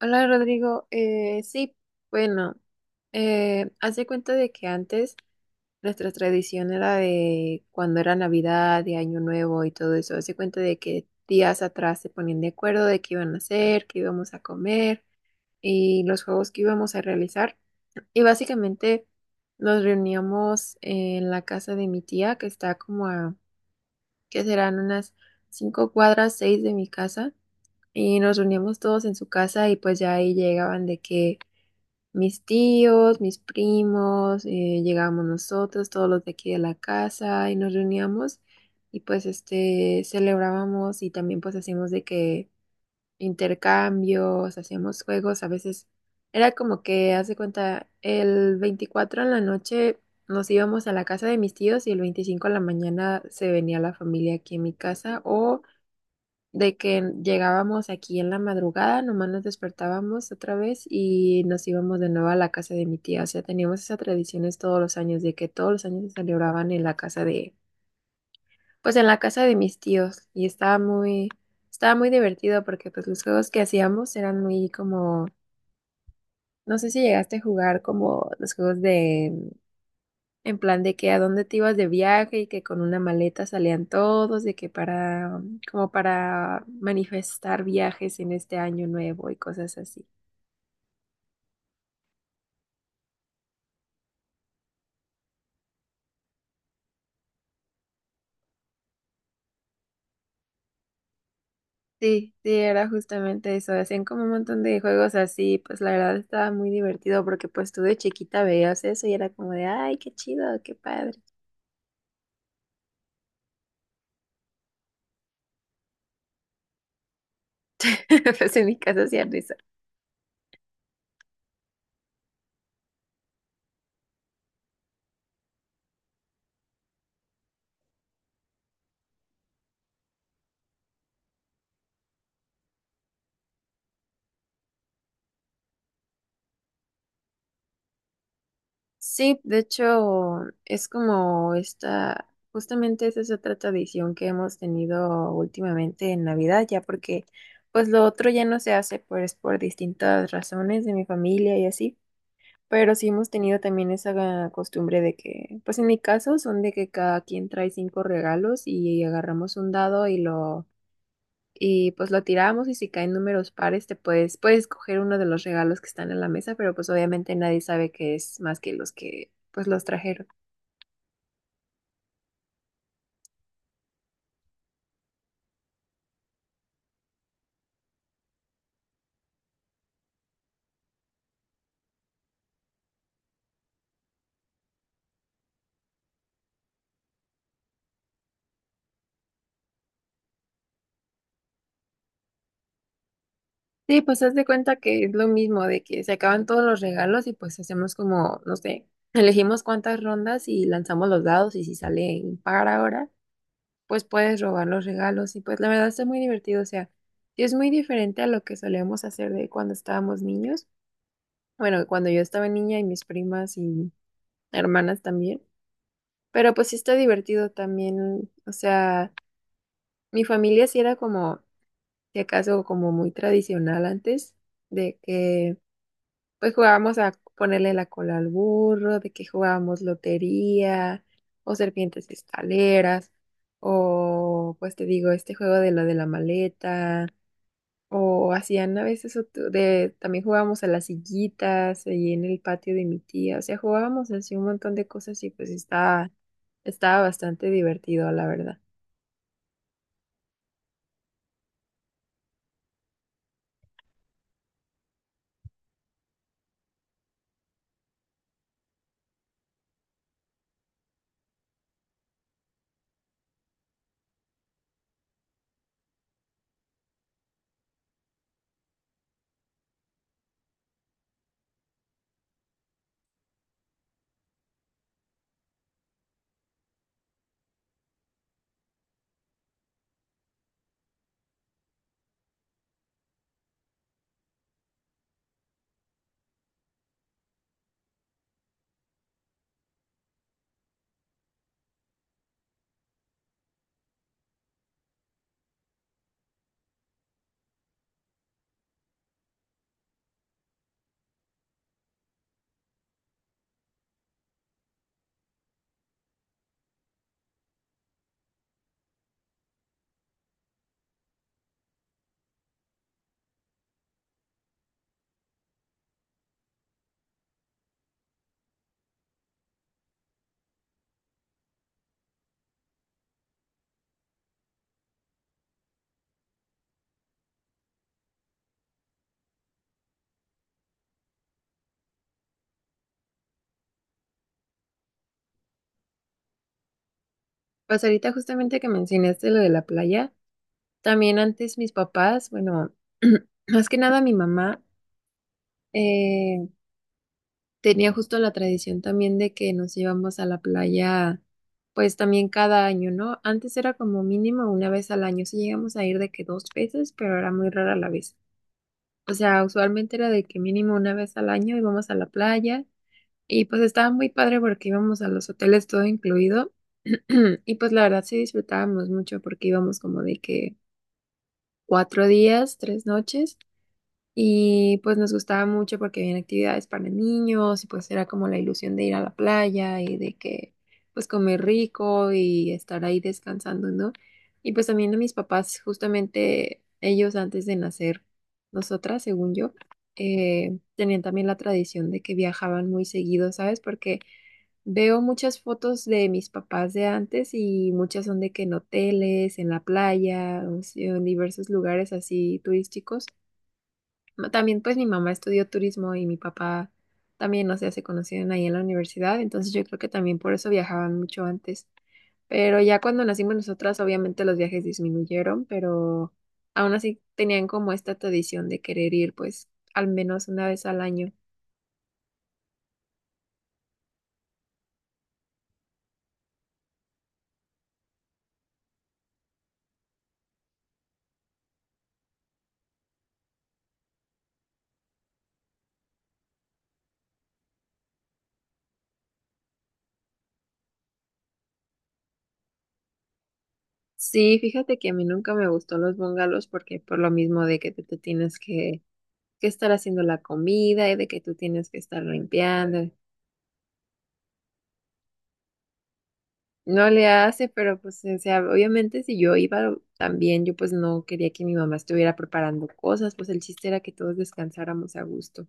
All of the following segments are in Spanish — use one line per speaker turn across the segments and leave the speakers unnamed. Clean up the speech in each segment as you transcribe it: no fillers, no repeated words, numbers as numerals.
Hola Rodrigo. Sí, bueno, hace cuenta de que antes nuestra tradición era de cuando era Navidad, de Año Nuevo y todo eso. Hace cuenta de que días atrás se ponían de acuerdo de qué iban a hacer, qué íbamos a comer y los juegos que íbamos a realizar. Y básicamente nos reuníamos en la casa de mi tía, que está como a, que serán unas 5 cuadras, 6 de mi casa, y nos reuníamos todos en su casa y pues ya ahí llegaban de que mis tíos, mis primos, llegábamos nosotros, todos los de aquí de la casa, y nos reuníamos y pues este celebrábamos y también pues hacíamos de que intercambios, hacíamos juegos, a veces era como que, hace cuenta, el 24 en la noche nos íbamos a la casa de mis tíos y el 25 en la mañana se venía la familia aquí en mi casa o de que llegábamos aquí en la madrugada, nomás nos despertábamos otra vez y nos íbamos de nuevo a la casa de mi tía. O sea, teníamos esas tradiciones todos los años, de que todos los años se celebraban en la casa de, pues en la casa de mis tíos. Y estaba muy divertido porque pues los juegos que hacíamos eran muy como, no sé si llegaste a jugar como los juegos de en plan de que a dónde te ibas de viaje y que con una maleta salían todos, de que para, como para manifestar viajes en este año nuevo y cosas así. Sí, sí, era justamente eso. Hacían como un montón de juegos así, pues la verdad estaba muy divertido porque pues tú de chiquita veías eso y era como de, ay, qué chido, qué padre. Pues en mi casa hacían eso. Sí, de hecho, es como esta, justamente esa es otra tradición que hemos tenido últimamente en Navidad, ya porque pues lo otro ya no se hace pues por distintas razones de mi familia y así, pero sí hemos tenido también esa costumbre de que, pues en mi caso son de que cada quien trae cinco regalos y agarramos un dado y lo y pues lo tiramos y si caen números pares puedes escoger uno de los regalos que están en la mesa, pero pues obviamente nadie sabe qué es más que los que pues los trajeron. Sí, pues haz de cuenta que es lo mismo, de que se acaban todos los regalos y pues hacemos como, no sé, elegimos cuántas rondas y lanzamos los dados y si sale impar ahora, pues puedes robar los regalos y pues la verdad está muy divertido. O sea, sí es muy diferente a lo que solíamos hacer de cuando estábamos niños, bueno, cuando yo estaba niña y mis primas y hermanas también. Pero pues sí está divertido también. O sea, mi familia sí era como, si acaso, como muy tradicional antes, de que pues jugábamos a ponerle la cola al burro, de que jugábamos lotería, o serpientes escaleras, o pues te digo, este juego de lo de la maleta. O hacían a veces también jugábamos a las sillitas ahí en el patio de mi tía. O sea, jugábamos así un montón de cosas y pues estaba bastante divertido, la verdad. Pues ahorita justamente que mencionaste lo de la playa, también antes mis papás, bueno, más que nada mi mamá, eh, tenía justo la tradición también de que nos íbamos a la playa, pues también cada año, ¿no? Antes era como mínimo una vez al año, sí llegamos a ir de que dos veces, pero era muy rara la vez. O sea, usualmente era de que mínimo una vez al año íbamos a la playa y pues estaba muy padre porque íbamos a los hoteles todo incluido y pues la verdad sí disfrutábamos mucho porque íbamos como de que 4 días, 3 noches. Y pues nos gustaba mucho porque había actividades para niños y pues era como la ilusión de ir a la playa y de que pues comer rico y estar ahí descansando, ¿no? Y pues también a mis papás, justamente ellos antes de nacer, nosotras, según yo, tenían también la tradición de que viajaban muy seguido, ¿sabes? Porque veo muchas fotos de mis papás de antes y muchas son de que en hoteles, en la playa, o sea, en diversos lugares así turísticos. También pues mi mamá estudió turismo y mi papá también, o sea, se conocieron ahí en la universidad, entonces yo creo que también por eso viajaban mucho antes. Pero ya cuando nacimos nosotras, obviamente los viajes disminuyeron, pero aún así tenían como esta tradición de querer ir pues al menos una vez al año. Sí, fíjate que a mí nunca me gustó los bungalows porque por lo mismo de que tú te tienes que estar haciendo la comida y de que tú tienes que estar limpiando. No le hace, pero pues, o sea, obviamente si yo iba también, yo pues no quería que mi mamá estuviera preparando cosas, pues el chiste era que todos descansáramos a gusto.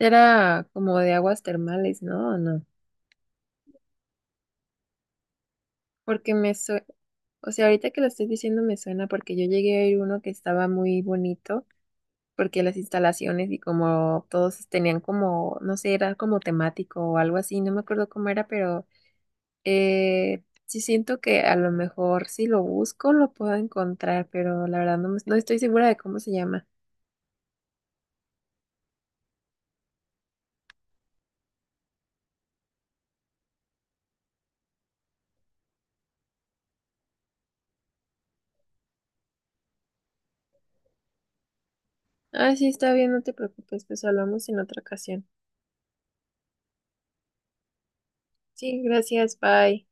Era como de aguas termales, ¿no? ¿O no? Porque o sea, ahorita que lo estoy diciendo me suena porque yo llegué a ir uno que estaba muy bonito, porque las instalaciones y como todos tenían como, no sé, era como temático o algo así, no me acuerdo cómo era, pero sí siento que a lo mejor si lo busco lo puedo encontrar, pero la verdad no, no estoy segura de cómo se llama. Ah, sí, está bien, no te preocupes, pues hablamos en otra ocasión. Sí, gracias, bye.